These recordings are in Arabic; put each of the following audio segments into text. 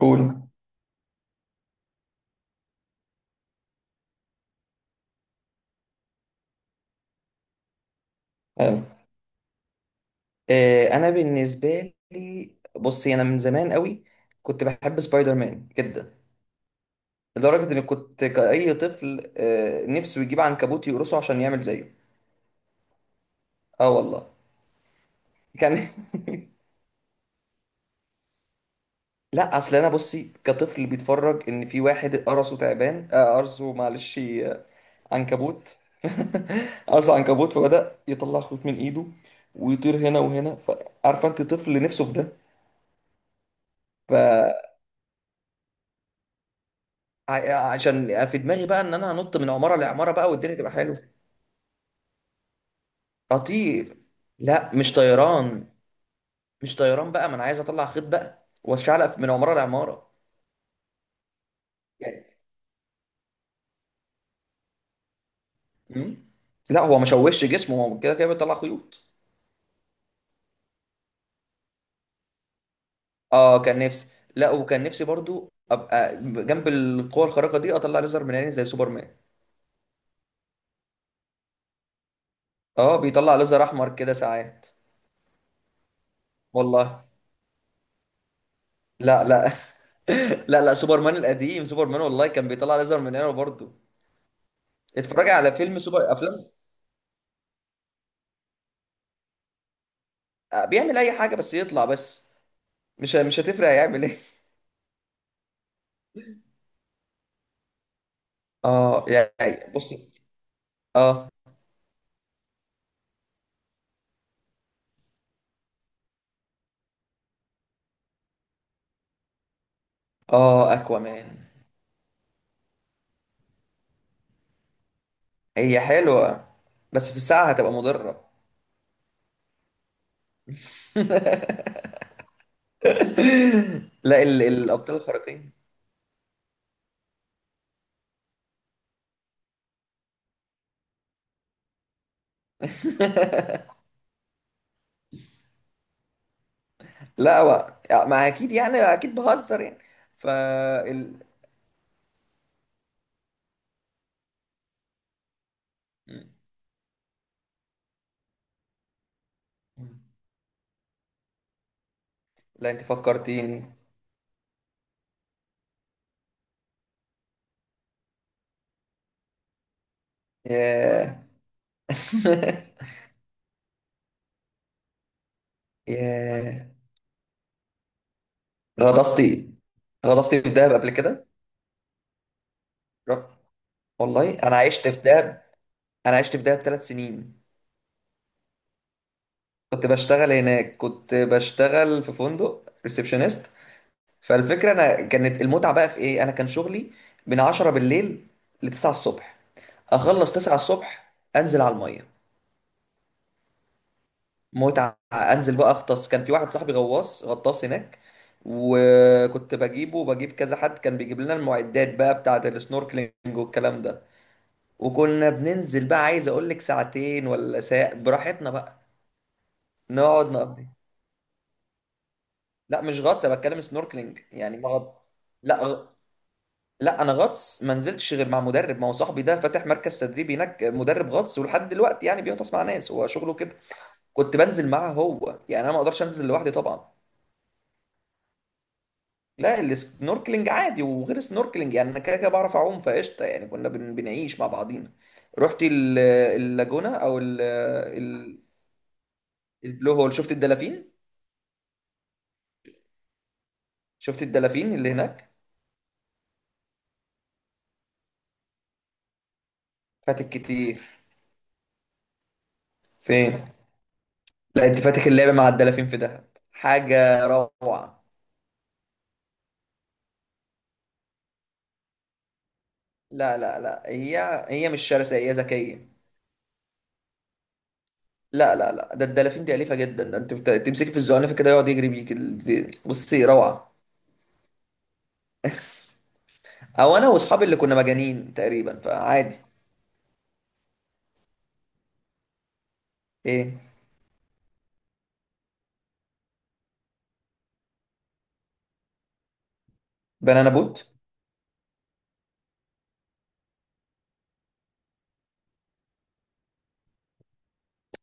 قول. حلو. انا بالنسبه لي، بصي، انا من زمان قوي كنت بحب سبايدر مان جدا، لدرجه اني كنت كاي طفل نفسه يجيب عنكبوت يقرصه عشان يعمل زيه. اه والله. كان لا اصل انا بصي كطفل بيتفرج ان في واحد قرصه تعبان، قرصه، معلش، عنكبوت. قرصه عنكبوت فبدأ يطلع خيط من ايده ويطير هنا وهنا، فعارفه انت طفل نفسه في ده. عشان في دماغي بقى ان انا هنط من عماره لعماره بقى والدنيا تبقى حلوه. اطير؟ لا، مش طيران بقى. ما انا عايز اطلع خيط بقى واشعلق من عماره لعماره يعني. مم. لا هو ما شوش جسمه، هو كده كده بيطلع خيوط. اه كان نفسي. لا، وكان نفسي برضو، ابقى جنب القوه الخارقه دي، اطلع ليزر من عيني زي سوبرمان. اه بيطلع ليزر احمر كده ساعات. والله. لا لا. لا لا، سوبرمان القديم، سوبرمان والله كان بيطلع ليزر من عينه برضو. اتفرج على فيلم سوبر، افلام. بيعمل اي حاجه، بس يطلع بس. مش هتفرق هيعمل ايه. اه يعني بص. اه اه، اكوامان. هي حلوه بس في الساعه هتبقى مضره. لا الابطال الخارقين. لا هو يعني، ما اكيد، يعني اكيد بهزر يعني. ف ال... لا انت فكرتيني. ياه. ياه. غطستي غطستي في دهب قبل كده؟ رحت. والله انا عشت في دهب. انا عشت في دهب 3 سنين. كنت بشتغل هناك، كنت بشتغل في فندق ريسبشنست. فالفكرة، أنا كانت المتعة بقى في إيه، أنا كان شغلي من 10 بالليل ل 9 الصبح. أخلص 9 الصبح أنزل على المية. متعة. أنزل بقى أغطس. كان في واحد صاحبي غواص غطاس هناك، وكنت بجيبه وبجيب كذا حد كان بيجيب لنا المعدات بقى بتاعة السنوركلينج والكلام ده، وكنا بننزل بقى، عايز أقول لك ساعتين ولا ساعة براحتنا بقى، نقعد نقضي. لا مش غطس، انا بتكلم سنوركلينج يعني، ما غط... لا غ... لا انا غطس ما نزلتش غير مع مدرب، ما هو صاحبي ده فاتح مركز تدريب هناك، مدرب غطس ولحد دلوقتي يعني بيغطس مع ناس، هو شغله كده. كنت بنزل معاه هو يعني، انا ما اقدرش انزل لوحدي طبعا. لا السنوركلينج عادي، وغير السنوركلينج يعني انا كده كده بعرف اعوم فقشطه يعني، كنا بنعيش مع بعضينا. رحت اللاجونة، او البلو هول، شفت الدلافين اللي هناك. فاتك كتير. فين؟ لا انت فاتك اللعبة مع الدلافين في دهب، حاجة روعة. لا لا لا، هي مش شرسة، هي ذكية. لا لا لا، ده الدلافين دي أليفة جدا، ده انت تمسكي في الزعنفة كده يقعد يجري بيك، بصي، روعة. او انا واصحابي اللي كنا مجانين تقريبا، فعادي. ايه، بنانا بوت.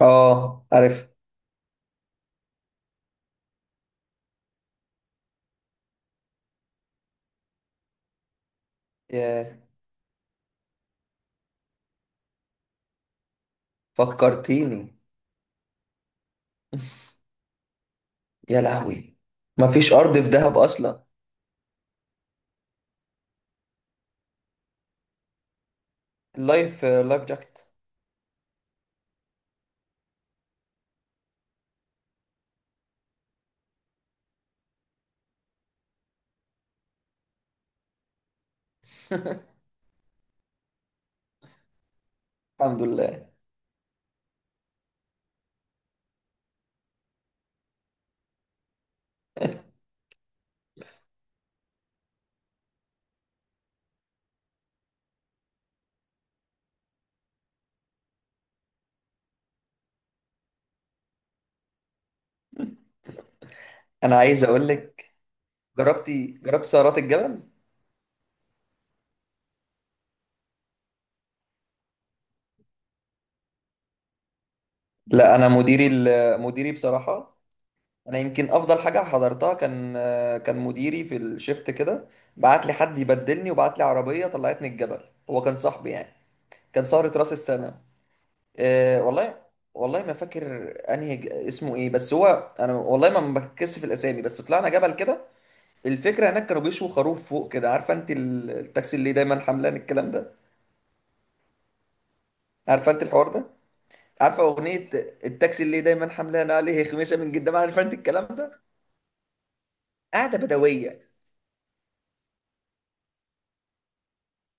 اه عارف. يا فكرتيني. يا لهوي، مفيش ارض في دهب اصلا. اللايف جاكيت. الحمد لله. انا عايز اقول لك، جربت سهرات الجبل؟ لا انا، مديري مديري بصراحه، انا يمكن افضل حاجه حضرتها، كان مديري في الشفت كده بعت لي حد يبدلني وبعت لي عربيه طلعتني الجبل، هو كان صاحبي يعني. كان سهره راس السنه. أه والله. والله ما فاكر انهي اسمه ايه بس هو، انا والله ما بركزش في الاسامي، بس طلعنا جبل كده. الفكره هناك كانوا بيشوا خروف فوق كده، عارفه انت التاكسي اللي دايما حملان الكلام ده، عارفه انت الحوار ده، عارفه اغنيه التاكسي اللي دايما حملان عليه خميسه من جدا، عارفه انت الكلام ده، قعده بدويه.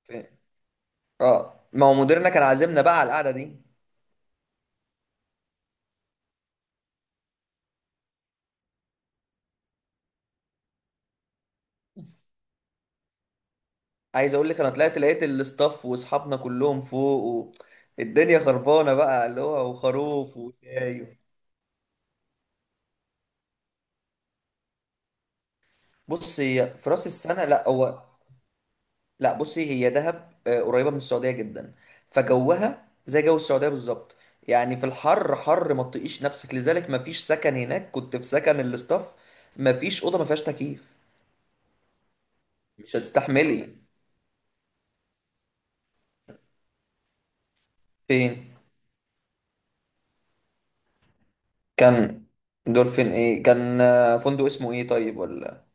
ف- اه ما هو مديرنا كان عازمنا بقى على القعده دي. عايز اقول لك، انا طلعت لقيت الاستاف واصحابنا كلهم فوق، الدنيا خربانه بقى، اللي هو وخروف وشاي. بص هي في راس السنه، لا هو، لا بصي، هي دهب قريبه من السعوديه جدا، فجوها زي جو السعوديه بالظبط، يعني في الحر حر ما تطيقيش نفسك، لذلك ما فيش سكن هناك. كنت في سكن الاستاف، ما فيش اوضه ما فيهاش تكييف، مش هتستحملي. فين كان؟ دولفين؟ ايه، كان فندق اسمه ايه، طيب ولا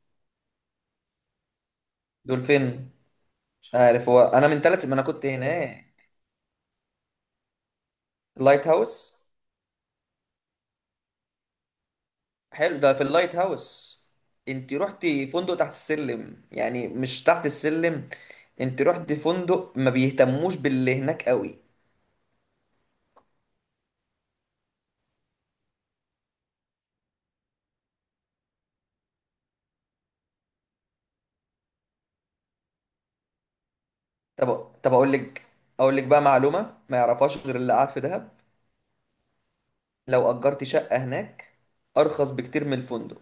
دولفين؟ مش عارف هو، انا من ثلاث ما انا كنت هناك. لايت هاوس. حلو ده، في اللايت هاوس. انت رحتي فندق تحت السلم يعني، مش تحت السلم، انت رحتي فندق ما بيهتموش باللي هناك قوي. طب طب اقول لك بقى معلومة ما يعرفهاش غير اللي قاعد في دهب، لو اجرتي شقة هناك ارخص بكتير من الفندق.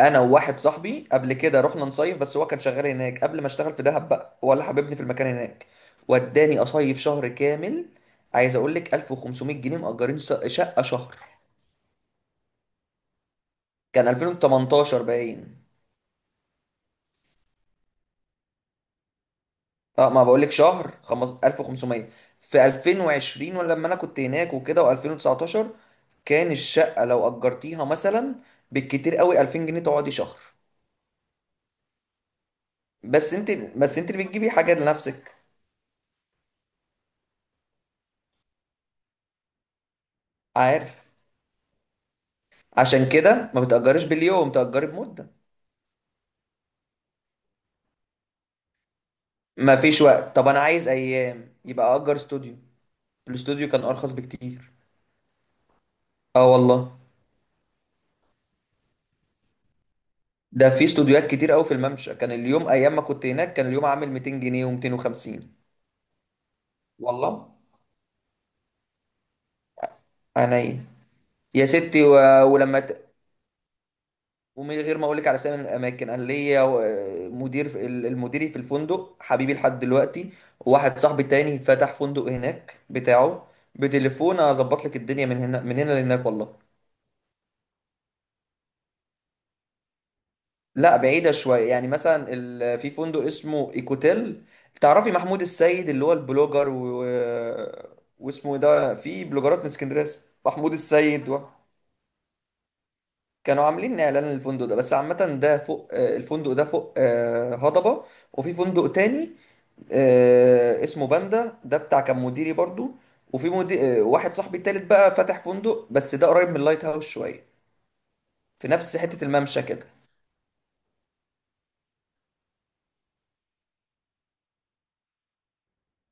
انا وواحد صاحبي قبل كده رحنا نصيف، بس هو كان شغال هناك قبل ما اشتغل في دهب بقى، هو اللي حببني في المكان هناك، وداني اصيف شهر كامل. عايز اقول لك، 1500 جنيه مأجرين شقة شهر. كان 2018 باين. اه ما بقول لك شهر 1500، في 2020 ولا لما انا كنت هناك وكده، و2019، كان الشقة لو أجرتيها مثلا بالكتير قوي 2000 جنيه تقعدي شهر. بس انت بس انت اللي بتجيبي حاجة لنفسك. عارف، عشان كده ما بتأجرش باليوم، تأجري بمدة. ما فيش وقت؟ طب انا عايز ايام، يبقى اجر استوديو. الاستوديو كان ارخص بكتير. اه والله. ده في استوديوهات كتير قوي في الممشى، كان اليوم، ايام ما كنت هناك، كان اليوم عامل 200 جنيه و250. والله عينيا، يا ستي، ولما ت... ومن غير ما اقول لك على اسامي الاماكن، انا ليا مدير المديري في الفندق حبيبي لحد دلوقتي، وواحد صاحبي تاني فتح فندق هناك بتاعه، بتليفون اظبط لك الدنيا، من هنا لهناك والله. لا بعيدة شوية يعني، مثلا في فندق اسمه ايكوتيل، تعرفي محمود السيد اللي هو البلوجر واسمه إيه ده، في بلوجرات من اسكندرية اسمه محمود السيد، كانوا عاملين اعلان للفندق ده، بس عامة ده فوق الفندق ده فوق هضبة. وفي فندق تاني اسمه باندا، ده بتاع كان مديري برضو. وفي مدير واحد صاحبي التالت بقى فاتح فندق، بس ده قريب من اللايت هاوس شوية، في نفس حتة الممشى كده.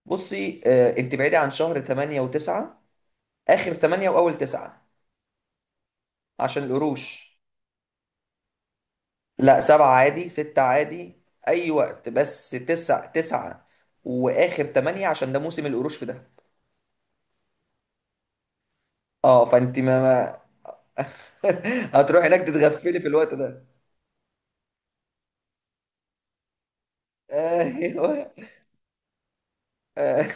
بصي انت بعيدة عن شهر 8 و9، اخر تمانية واول تسعة، عشان القروش. لا سبعة عادي، ستة عادي، اي وقت، بس تسعة تسعة واخر تمانية، عشان ده موسم القروش في ده. اه فانت ما هتروح هناك تتغفلي في الوقت ده. ايوه. آه.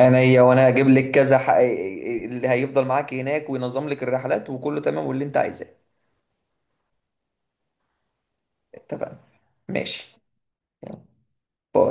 انا، هي وانا اجيب لك كذا اللي هيفضل معاك هناك وينظم لك الرحلات وكله تمام واللي انت عايزاه. اتفقنا. ماشي.